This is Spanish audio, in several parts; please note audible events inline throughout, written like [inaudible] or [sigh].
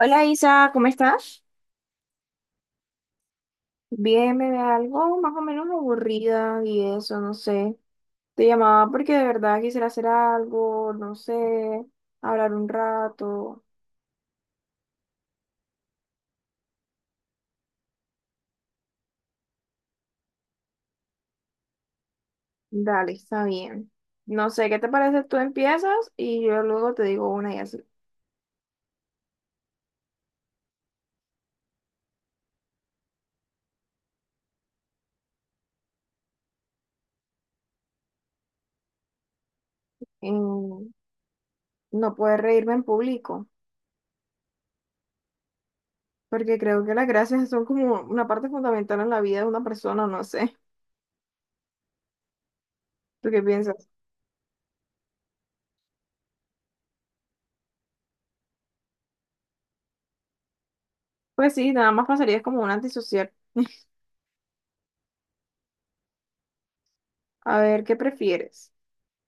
Hola Isa, ¿cómo estás? Bien, me ve algo más o menos aburrida y eso, no sé. Te llamaba porque de verdad quisiera hacer algo, no sé, hablar un rato. Dale, está bien. No sé, ¿qué te parece? Tú empiezas y yo luego te digo una y así. Em, no puedes reírme en público, porque creo que las gracias son como una parte fundamental en la vida de una persona, no sé. [laughs] ¿Tú qué piensas? Pues sí, nada más pasaría como un antisocial. A ver, ¿qué prefieres?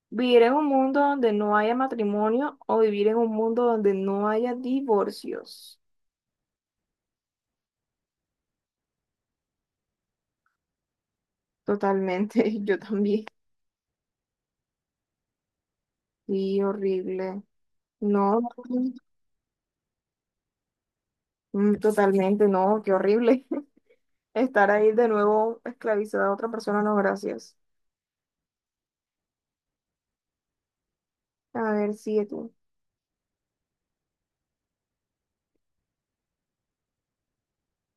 Vivir en un mundo donde no haya matrimonio o vivir en un mundo donde no haya divorcios. Totalmente, [laughs] yo también. Sí, horrible. No, totalmente, no, qué horrible. [laughs] Estar ahí de nuevo esclavizada a otra persona, no, gracias. A ver, sigue tú.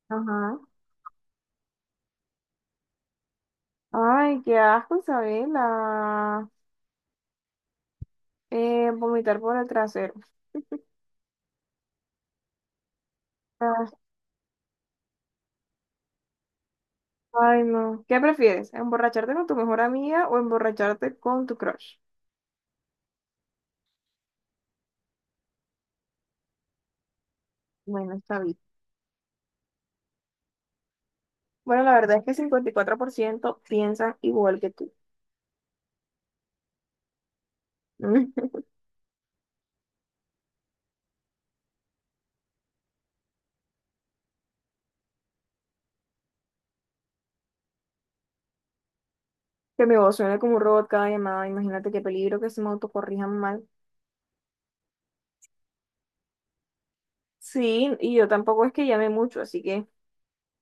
Ajá. Ay, qué asco, Isabela. Vomitar por el trasero. Ah, ay, no. ¿Qué prefieres? ¿Emborracharte con tu mejor amiga o emborracharte con tu crush? Bueno, está bien. Bueno, la verdad es que el 54% piensan igual que tú. [laughs] Que mi voz suene como un robot cada llamada. Imagínate qué peligro que se me autocorrijan mal. Sí, y yo tampoco es que llame mucho, así que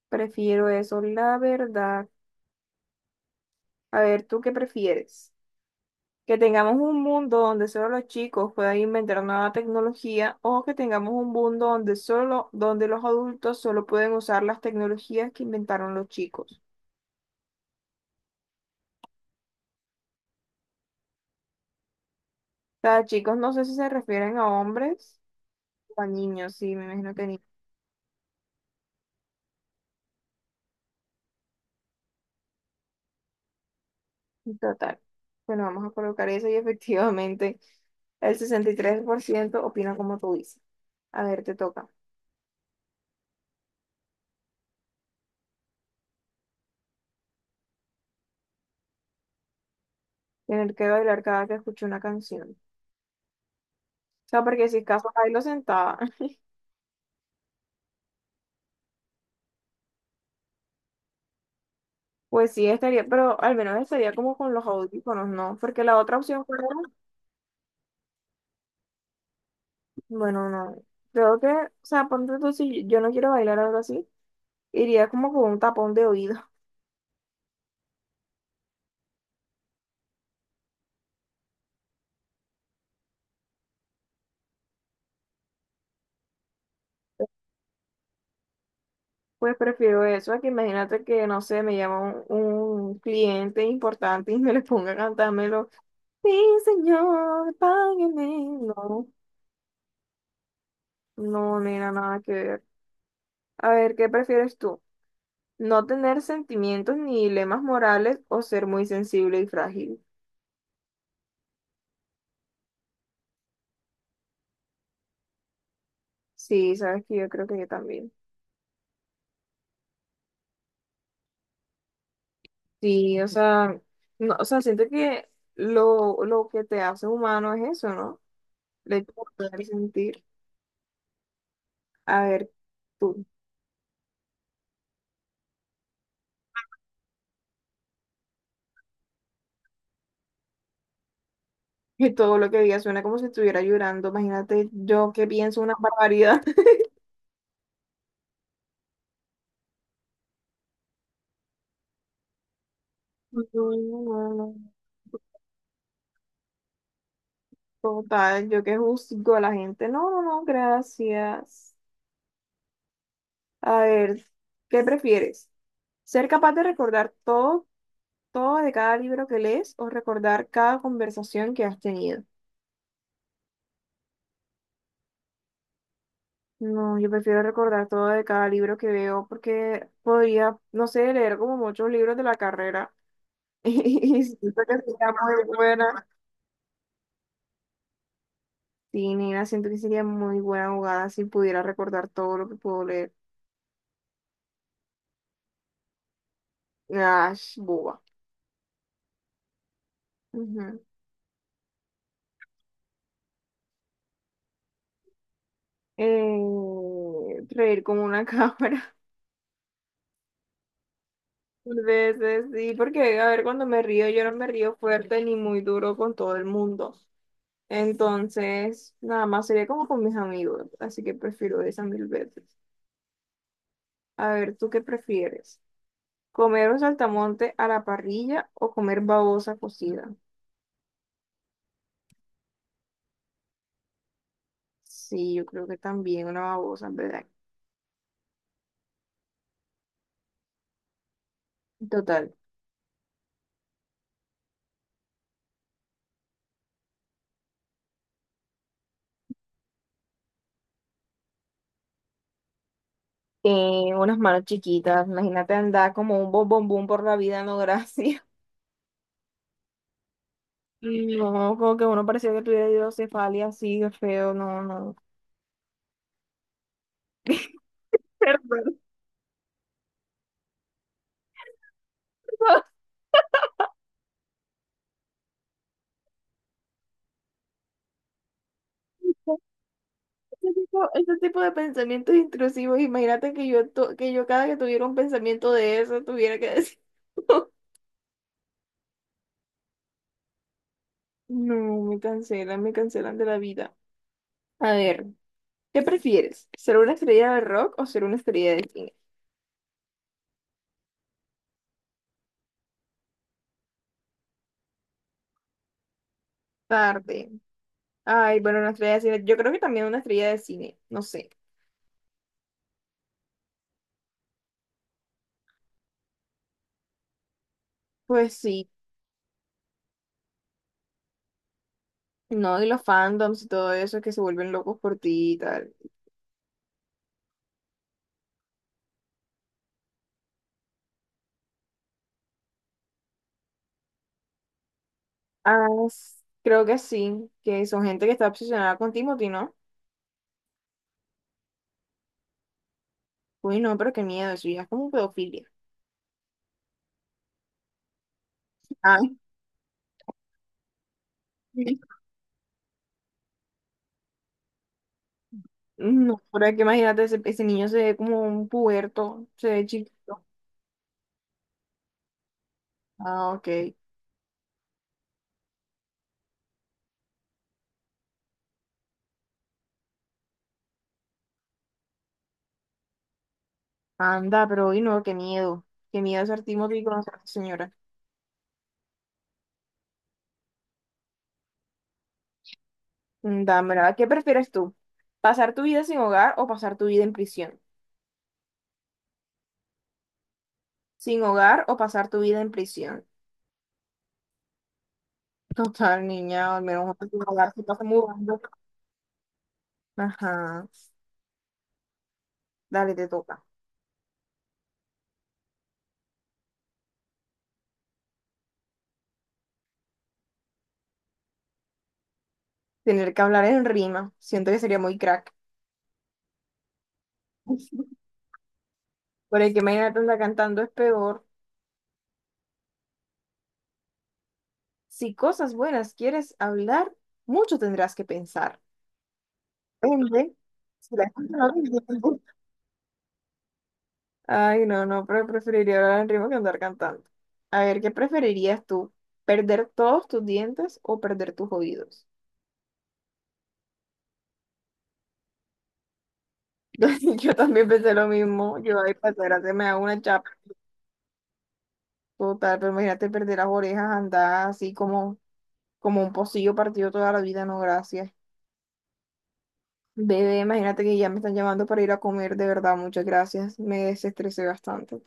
prefiero eso, la verdad. A ver, ¿tú qué prefieres? ¿Que tengamos un mundo donde solo los chicos puedan inventar nueva tecnología o que tengamos un mundo donde solo, donde los adultos solo pueden usar las tecnologías que inventaron los chicos? O sea, chicos, no sé si se refieren a hombres o a niños, sí, me imagino que niños. Total. Bueno, vamos a colocar eso y efectivamente el 63% opina como tú dices. A ver, te toca. Tener que bailar cada que escucho una canción. O sea, porque si es caso bailo sentada, [laughs] pues sí estaría, pero al menos estaría como con los audífonos, ¿no? Porque la otra opción fuera, bueno, no. Creo que, o sea, ponte tú, si yo no quiero bailar algo así, iría como con un tapón de oído. [laughs] Pues prefiero eso a que imagínate que, no sé, me llama un, un cliente importante y me le ponga a cantarme. Sí, señor, págueme. No, no, nena, nada que ver. A ver, ¿qué prefieres tú? ¿No tener sentimientos ni dilemas morales o ser muy sensible y frágil? Sí, sabes que yo creo que yo también. Sí, o sea, no, o sea, siento que lo que te hace humano es eso, ¿no? De poder sentir. A ver, tú. Que todo lo que digas suena como si estuviera llorando. Imagínate yo que pienso una barbaridad. [laughs] No, no, no, no. Total, yo que juzgo a la gente. No, no, no, gracias. A ver, ¿qué prefieres? ¿Ser capaz de recordar todo, todo de cada libro que lees o recordar cada conversación que has tenido? No, yo prefiero recordar todo de cada libro que veo porque podría, no sé, leer como muchos libros de la carrera [laughs] y siento que sería muy buena. Sí, nena, siento que sería muy buena jugada si pudiera recordar todo lo que puedo leer. Ash, boba. Ujú. Reír como una cabra, [laughs] tal vez sí, porque a ver, cuando me río, yo no me río fuerte ni muy duro con todo el mundo. Entonces, nada más sería como con mis amigos, así que prefiero esa mil veces. A ver, ¿tú qué prefieres? ¿Comer un saltamonte a la parrilla o comer babosa cocida? Sí, yo creo que también una babosa, en ¿verdad? Total. Unas manos chiquitas, imagínate andar como un bombón por la vida, no [laughs] gracias. No, como que uno parecía que tuviera hidrocefalia así, qué feo, no, no. Perdón. [laughs] Ese tipo de pensamientos intrusivos, imagínate que yo, que yo cada que tuviera un pensamiento de eso, tuviera que decir, [laughs] no, me cancelan de la vida. A ver, ¿qué prefieres? ¿Ser una estrella de rock o ser una estrella de cine? Tarde. Ay, bueno, una estrella de cine, yo creo que también una estrella de cine, no sé. Pues sí, no, y los fandoms y todo eso que se vuelven locos por ti y tal. Ah, s- Creo que sí, que son gente que está obsesionada con Timothy, ¿no? Uy, no, pero qué miedo, eso ya es como pedofilia. Ah, [laughs] no, por que imagínate, ese niño se ve como un puberto, se ve chiquito. Ah, ok. Anda, pero uy, no, qué miedo. Qué miedo ser Timothy y conocer a esa señora. Dame, ¿qué prefieres tú? ¿Pasar tu vida sin hogar o pasar tu vida en prisión? ¿Sin hogar o pasar tu vida en prisión? [laughs] Total, niña, al menos sin hogar se pasa mudando. Ajá, dale, te toca. Tener que hablar en rima, siento que sería muy crack. [laughs] Porque que imaginarla cantando es peor. Si cosas buenas quieres hablar, mucho tendrás que pensar. Depende. Si la escuchas no te entiendo. Ay, no, no, pero preferiría hablar en rima que andar cantando. A ver, ¿qué preferirías tú? ¿Perder todos tus dientes o perder tus oídos? [laughs] Yo también pensé lo mismo. Yo, ahí para gracia me hago una chapa total, pero imagínate perder las orejas, andar así como, como un pocillo partido toda la vida, no, gracias. Bebé, imagínate que ya me están llamando para ir a comer, de verdad, muchas gracias. Me desestresé bastante.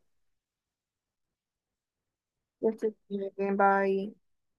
Ya estoy bien, bye.